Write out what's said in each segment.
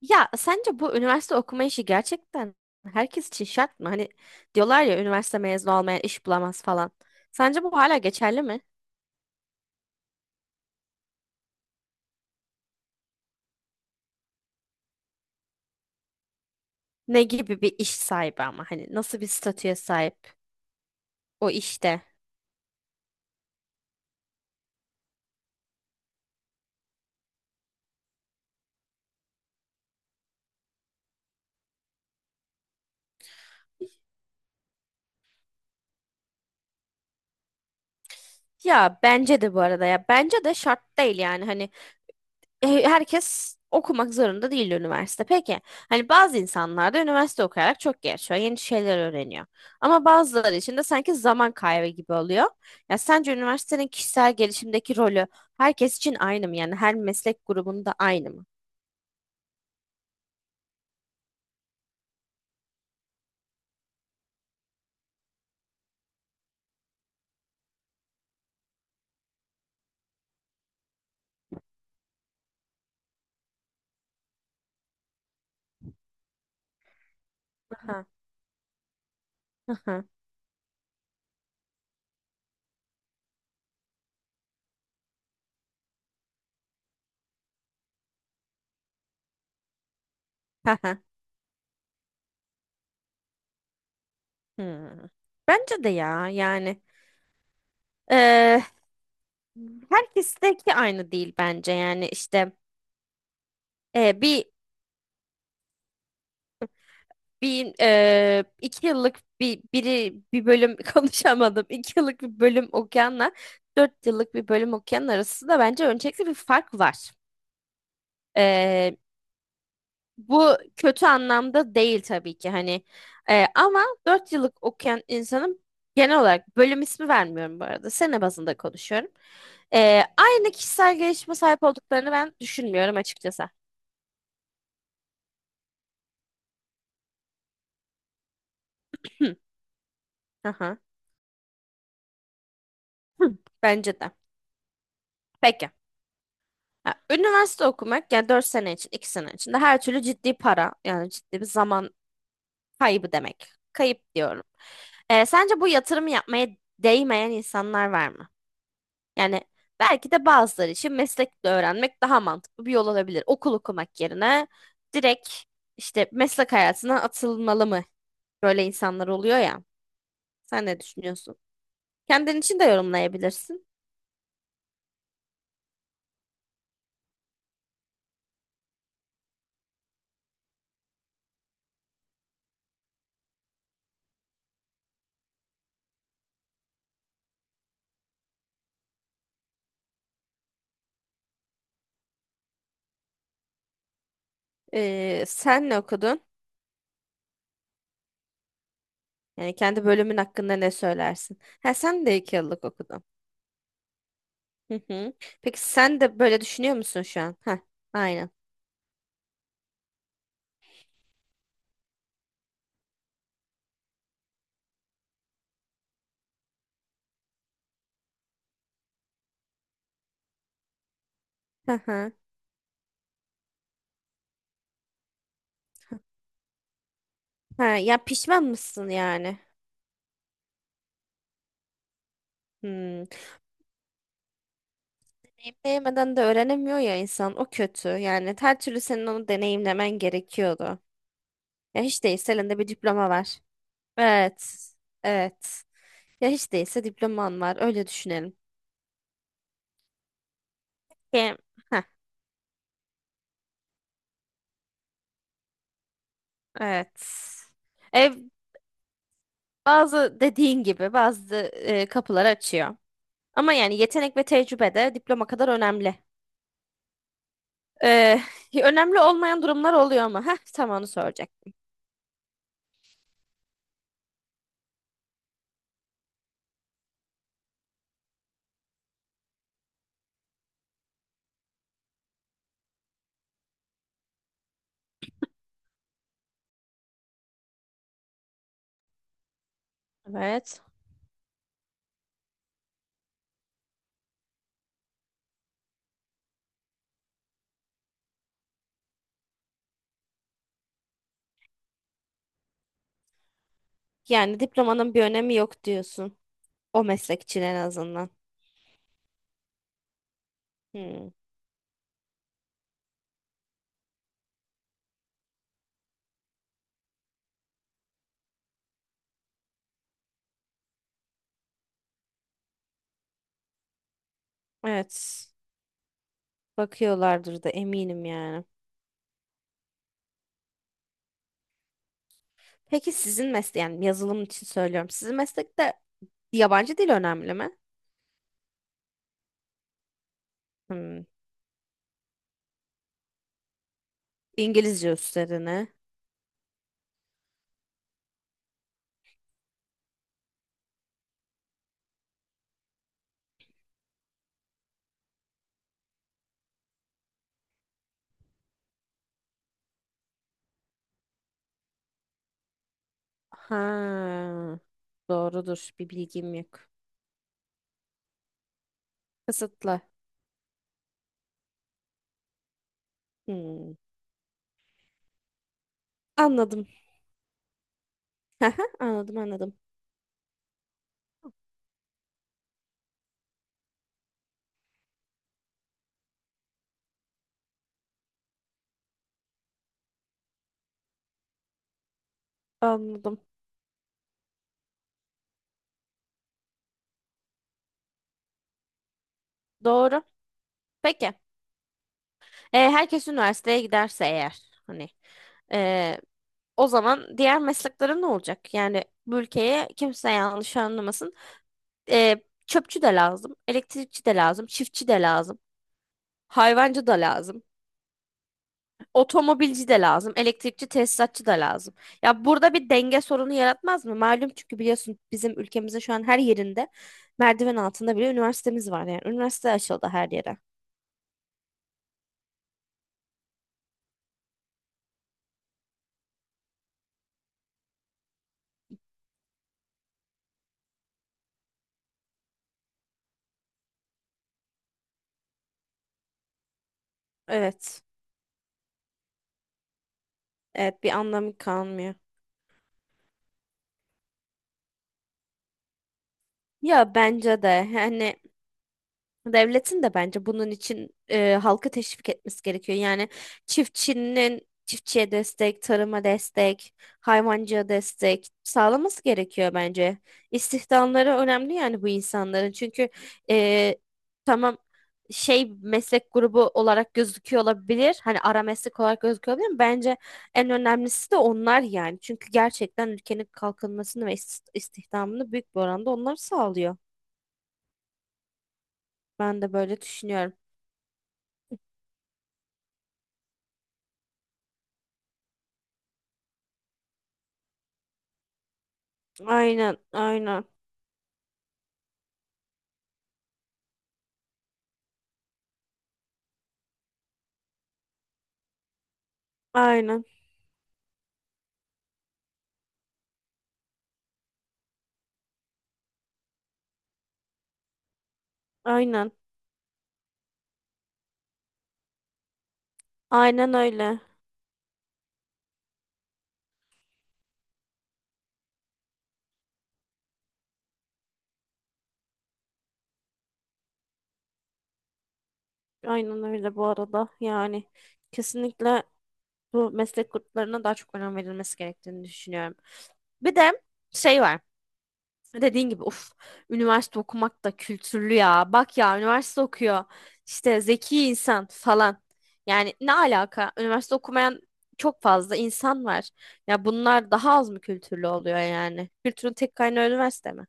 Ya sence bu üniversite okuma işi gerçekten herkes için şart mı? Hani diyorlar ya üniversite mezunu olmayan iş bulamaz falan. Sence bu hala geçerli mi? Ne gibi bir iş sahibi ama hani nasıl bir statüye sahip o işte? Ya bence de bu arada ya bence de şart değil yani hani herkes okumak zorunda değil üniversite. Peki hani bazı insanlar da üniversite okuyarak çok gelişiyor, yeni şeyler öğreniyor. Ama bazıları için de sanki zaman kaybı gibi oluyor. Ya sence üniversitenin kişisel gelişimdeki rolü herkes için aynı mı? Yani her meslek grubunda aynı mı? Aha. Aha. Aha. Hmm. Bence de ya yani eee herkesteki aynı değil bence yani işte eee, bir bir iki yıllık bir bölüm konuşamadım iki yıllık bir bölüm okuyanla dört yıllık bir bölüm okuyan arasında bence öncelikle bir fark var. Bu kötü anlamda değil tabii ki hani. Ama 4 yıllık okuyan insanın genel olarak, bölüm ismi vermiyorum bu arada, sene bazında konuşuyorum. Aynı kişisel gelişime sahip olduklarını ben düşünmüyorum açıkçası. Hı, aha, hı, bence de. Peki. Ha, üniversite okumak yani 4 sene için 2 sene içinde her türlü ciddi para yani ciddi bir zaman kaybı demek. Kayıp diyorum. Sence bu yatırımı yapmaya değmeyen insanlar var mı? Yani belki de bazıları için meslekle öğrenmek daha mantıklı bir yol olabilir. Okul okumak yerine direkt işte meslek hayatına atılmalı mı? Böyle insanlar oluyor ya. Sen ne düşünüyorsun? Kendin için de yorumlayabilirsin. Sen ne okudun? Yani kendi bölümün hakkında ne söylersin? Ha sen de iki yıllık okudun. Hı hı. Peki sen de böyle düşünüyor musun şu an? Ha, aynen. Hı hı. Ha, ya pişman mısın yani? Hmm. Deneyimleyemeden de öğrenemiyor ya insan. O kötü. Yani her türlü senin onu deneyimlemen gerekiyordu. Ya hiç değilse elinde bir diploma var. Evet. Evet. Ya hiç değilse diploman var. Öyle düşünelim. Hem- Heh, evet. E, Bazı, dediğin gibi, bazı kapılar açıyor. Ama yani yetenek ve tecrübe de diploma kadar önemli. E, önemli olmayan durumlar oluyor ama. Heh, tam onu soracak. Evet. Yani diplomanın bir önemi yok diyorsun. O meslek için en azından. Hmm. Evet. Bakıyorlardır da eminim yani. Peki sizin meslek, yani yazılım için söylüyorum, sizin meslekte yabancı dil önemli mi? Hmm. İngilizce üstlerine. Ha. Doğrudur. Bir bilgim yok. Kısıtlı. Hmm. Anladım. Haha, anladım, anladım. Anladım. Doğru. Peki. Herkes üniversiteye giderse eğer hani, e, o zaman diğer mesleklerin ne olacak? Yani bu ülkeye kimse yanlış anlamasın. e, Çöpçü de lazım, elektrikçi de lazım, çiftçi de lazım, hayvancı da lazım, otomobilci de lazım, elektrikçi tesisatçı da lazım. Ya burada bir denge sorunu yaratmaz mı? Malum çünkü biliyorsun bizim ülkemizde şu an her yerinde merdiven altında bile üniversitemiz var yani. Üniversite açıldı her yere. Evet. Evet, bir anlamı kalmıyor. Ya bence de hani devletin de bence bunun için halkı teşvik etmesi gerekiyor. Yani çiftçinin, çiftçiye destek, tarıma destek, hayvancıya destek sağlaması gerekiyor bence. İstihdamları önemli yani bu insanların. Çünkü e, tamam, şey, meslek grubu olarak gözüküyor olabilir. Hani ara meslek olarak gözüküyor olabilir ama bence en önemlisi de onlar yani. Çünkü gerçekten ülkenin kalkınmasını ve istihdamını büyük bir oranda onlar sağlıyor. Ben de böyle düşünüyorum. Aynen, aynen, aynen, aynen, aynen öyle. Aynen öyle bu arada. Yani kesinlikle bu meslek gruplarına daha çok önem verilmesi gerektiğini düşünüyorum. Bir de şey var. Dediğin gibi, uf, üniversite okumak da kültürlü ya. Bak ya üniversite okuyor. İşte zeki insan falan. Yani ne alaka? Üniversite okumayan çok fazla insan var. Ya bunlar daha az mı kültürlü oluyor yani? Kültürün tek kaynağı üniversite mi?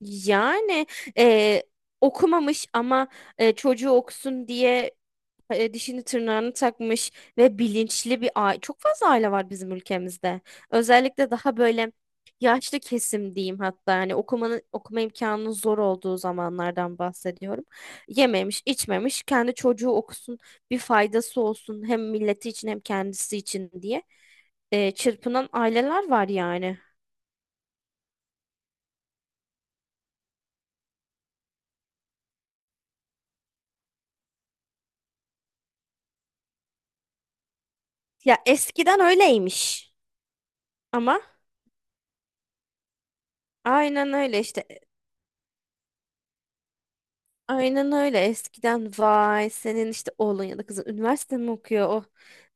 Yani e, okumamış ama çocuğu okusun diye dişini tırnağını takmış ve bilinçli bir aile. Çok fazla aile var bizim ülkemizde. Özellikle daha böyle yaşlı kesim diyeyim, hatta hani okumanın, okuma imkanının zor olduğu zamanlardan bahsediyorum. Yememiş, içmemiş, kendi çocuğu okusun, bir faydası olsun hem milleti için hem kendisi için diye çırpınan aileler var yani. Ya eskiden öyleymiş ama. Aynen öyle işte. Aynen öyle. Eskiden vay senin işte oğlun ya da kızın üniversite mi okuyor? Oh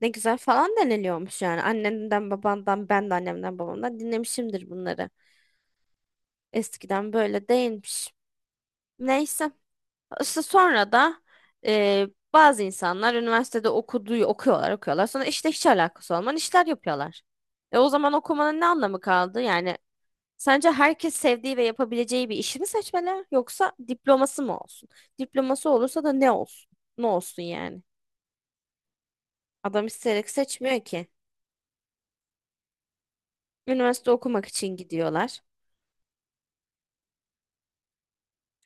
ne güzel falan deniliyormuş yani. Annenden babandan, ben de annemden babamdan dinlemişimdir bunları. Eskiden böyle değilmiş. Neyse. İşte sonra da e, bazı insanlar üniversitede okuyorlar. Sonra işte hiç alakası olmayan işler yapıyorlar. E o zaman okumanın ne anlamı kaldı? Yani sence herkes sevdiği ve yapabileceği bir işi mi seçmeli yoksa diploması mı olsun? Diploması olursa da ne olsun? Ne olsun yani? Adam isteyerek seçmiyor ki. Üniversite okumak için gidiyorlar.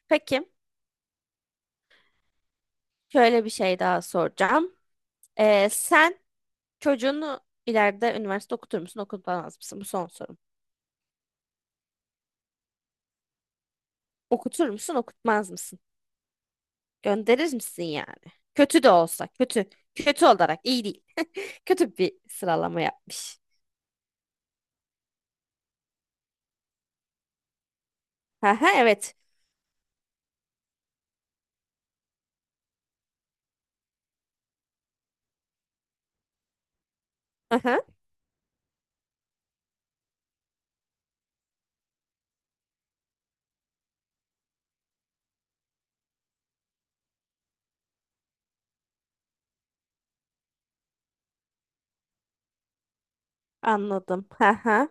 Peki, şöyle bir şey daha soracağım. Sen çocuğunu ileride üniversite okutur musun, okutmaz mısın? Bu son sorum. Okutur musun, okutmaz mısın? Gönderir misin yani? Kötü de olsa, kötü. Kötü olarak iyi değil. Kötü bir sıralama yapmış. Aha, evet. Anladım. Hı hı.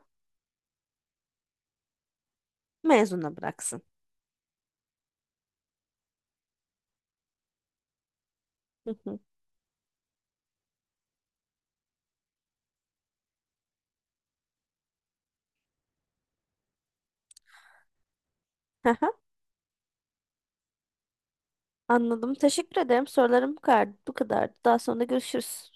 Mezuna bıraksın. Hı hı. Hı hı. Anladım. Teşekkür ederim. Sorularım bu kadar. Bu kadar. Daha sonra görüşürüz.